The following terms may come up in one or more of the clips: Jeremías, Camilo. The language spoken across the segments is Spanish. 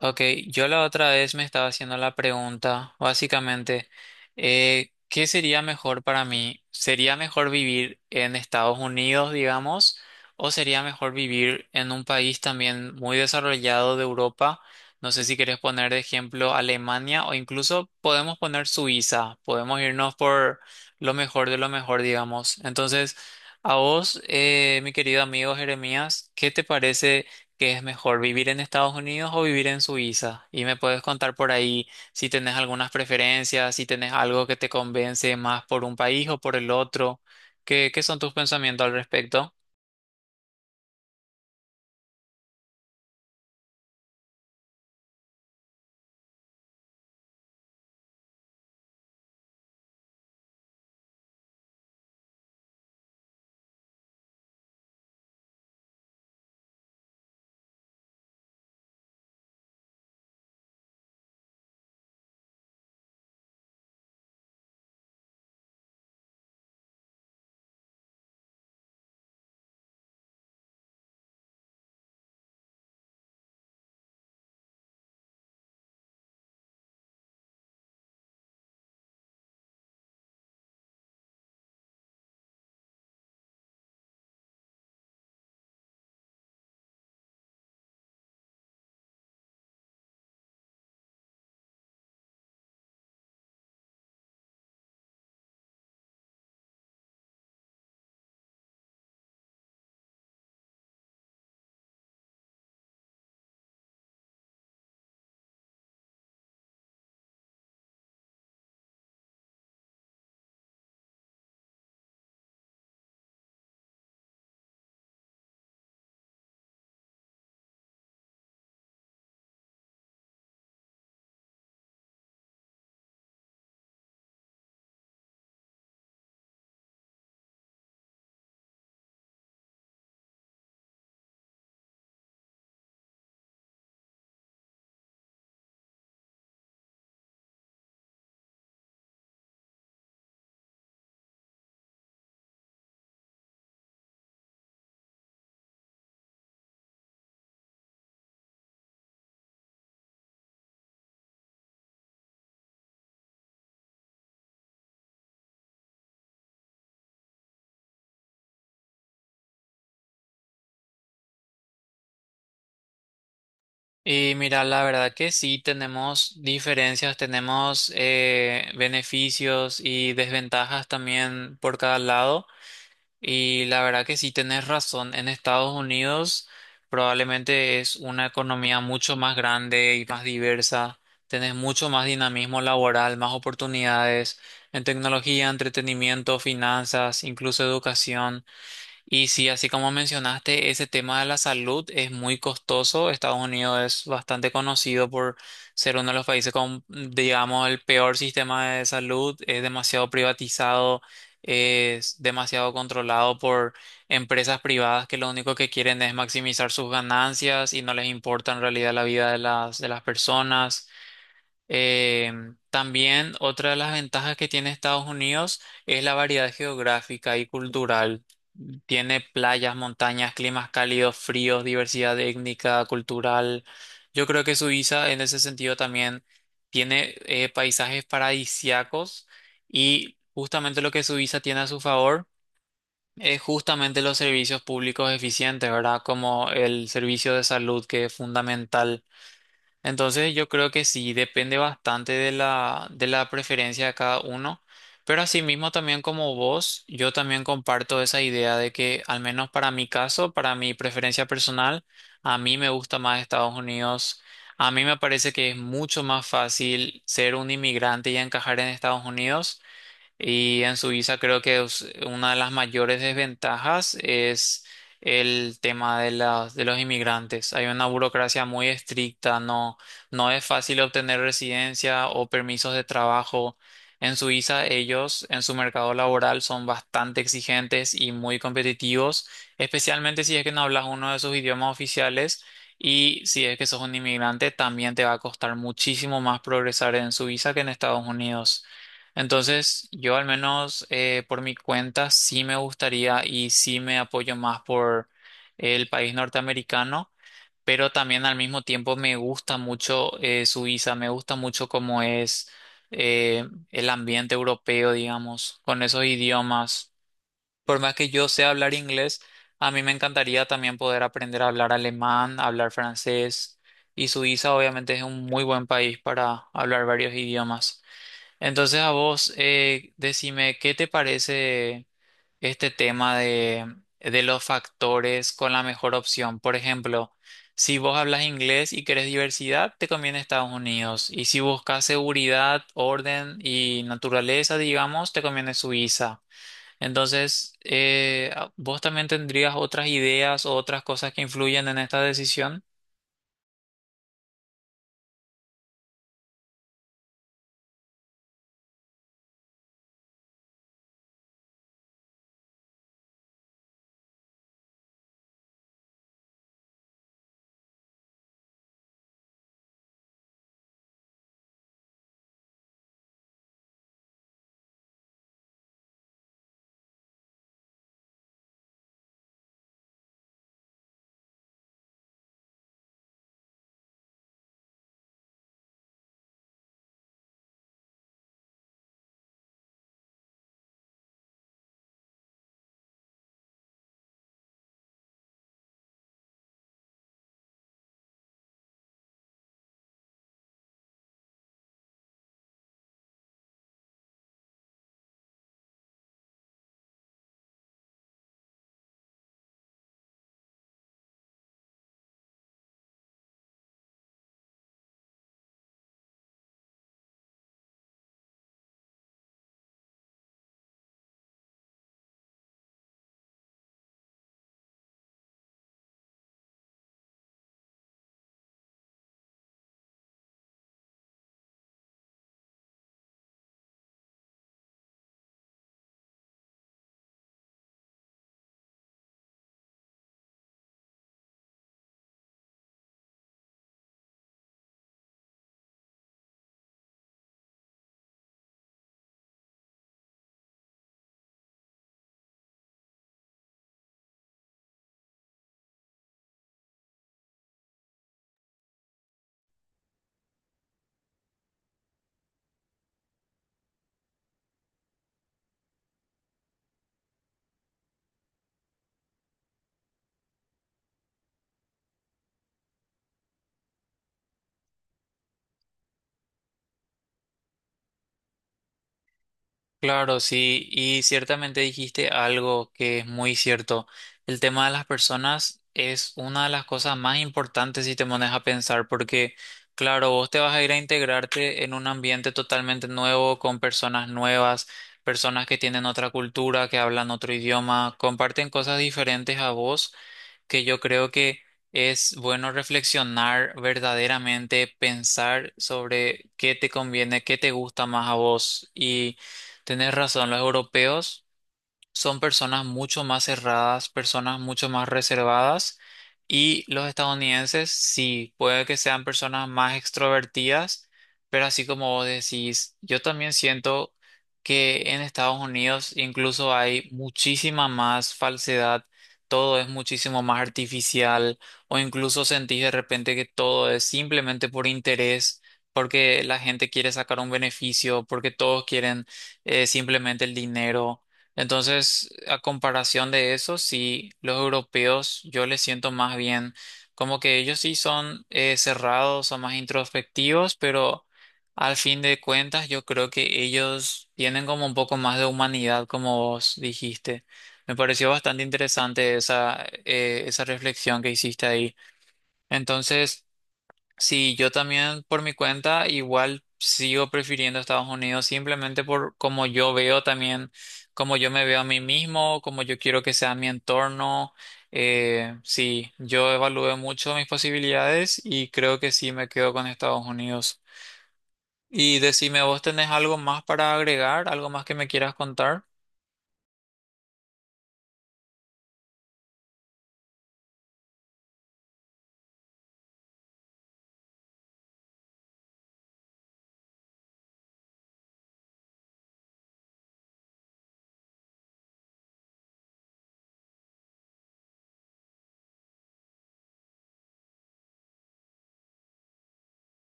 Ok, yo la otra vez me estaba haciendo la pregunta, básicamente, ¿qué sería mejor para mí? ¿Sería mejor vivir en Estados Unidos, digamos, o sería mejor vivir en un país también muy desarrollado de Europa? No sé si querés poner de ejemplo Alemania o incluso podemos poner Suiza, podemos irnos por lo mejor de lo mejor, digamos. Entonces, a vos, mi querido amigo Jeremías, ¿qué te parece? ¿Qué es mejor, vivir en Estados Unidos o vivir en Suiza? Y me puedes contar por ahí si tenés algunas preferencias, si tenés algo que te convence más por un país o por el otro. ¿Qué son tus pensamientos al respecto? Y mira, la verdad que sí tenemos diferencias, tenemos beneficios y desventajas también por cada lado. Y la verdad que sí tenés razón. En Estados Unidos probablemente es una economía mucho más grande y más diversa. Tenés mucho más dinamismo laboral, más oportunidades en tecnología, entretenimiento, finanzas, incluso educación. Y sí, así como mencionaste, ese tema de la salud es muy costoso. Estados Unidos es bastante conocido por ser uno de los países con, digamos, el peor sistema de salud. Es demasiado privatizado, es demasiado controlado por empresas privadas que lo único que quieren es maximizar sus ganancias y no les importa en realidad la vida de las personas. Eh, también otra de las ventajas que tiene Estados Unidos es la variedad geográfica y cultural. Tiene playas, montañas, climas cálidos, fríos, diversidad étnica, cultural. Yo creo que Suiza en ese sentido también tiene paisajes paradisíacos y justamente lo que Suiza tiene a su favor es justamente los servicios públicos eficientes, ¿verdad? Como el servicio de salud que es fundamental. Entonces yo creo que sí, depende bastante de la preferencia de cada uno, pero asimismo también como vos, yo también comparto esa idea de que al menos para mi caso, para mi preferencia personal, a mí me gusta más Estados Unidos, a mí me parece que es mucho más fácil ser un inmigrante y encajar en Estados Unidos, y en Suiza creo que es una de las mayores desventajas es el tema de los inmigrantes. Hay una burocracia muy estricta, no, no es fácil obtener residencia o permisos de trabajo. En Suiza ellos en su mercado laboral son bastante exigentes y muy competitivos, especialmente si es que no hablas uno de sus idiomas oficiales, y si es que sos un inmigrante también te va a costar muchísimo más progresar en Suiza que en Estados Unidos. Entonces, yo al menos por mi cuenta sí me gustaría y sí me apoyo más por el país norteamericano, pero también al mismo tiempo me gusta mucho Suiza, me gusta mucho cómo es eh, el ambiente europeo, digamos, con esos idiomas. Por más que yo sea hablar inglés, a mí me encantaría también poder aprender a hablar alemán, a hablar francés, y Suiza obviamente es un muy buen país para hablar varios idiomas. Entonces a vos, decime, ¿qué te parece este tema de los factores con la mejor opción? Por ejemplo, si vos hablas inglés y querés diversidad, te conviene Estados Unidos. Y si buscas seguridad, orden y naturaleza, digamos, te conviene Suiza. Entonces, ¿vos también tendrías otras ideas o otras cosas que influyen en esta decisión? Claro, sí, y ciertamente dijiste algo que es muy cierto. El tema de las personas es una de las cosas más importantes si te pones a pensar, porque, claro, vos te vas a ir a integrarte en un ambiente totalmente nuevo, con personas nuevas, personas que tienen otra cultura, que hablan otro idioma, comparten cosas diferentes a vos, que yo creo que es bueno reflexionar verdaderamente, pensar sobre qué te conviene, qué te gusta más a vos. Y tenés razón, los europeos son personas mucho más cerradas, personas mucho más reservadas, y los estadounidenses sí, puede que sean personas más extrovertidas, pero así como vos decís, yo también siento que en Estados Unidos incluso hay muchísima más falsedad, todo es muchísimo más artificial o incluso sentís de repente que todo es simplemente por interés, porque la gente quiere sacar un beneficio, porque todos quieren simplemente el dinero. Entonces, a comparación de eso, sí, los europeos yo les siento más bien como que ellos sí son cerrados, son más introspectivos, pero al fin de cuentas yo creo que ellos tienen como un poco más de humanidad, como vos dijiste. Me pareció bastante interesante esa reflexión que hiciste ahí. Entonces, sí, yo también por mi cuenta igual sigo prefiriendo Estados Unidos simplemente por cómo yo veo también, cómo yo me veo a mí mismo, cómo yo quiero que sea mi entorno. Sí, yo evalué mucho mis posibilidades y creo que sí me quedo con Estados Unidos. Y decime, ¿vos tenés algo más para agregar? ¿Algo más que me quieras contar?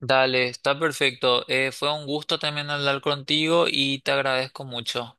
Dale, está perfecto. Fue un gusto también hablar contigo y te agradezco mucho.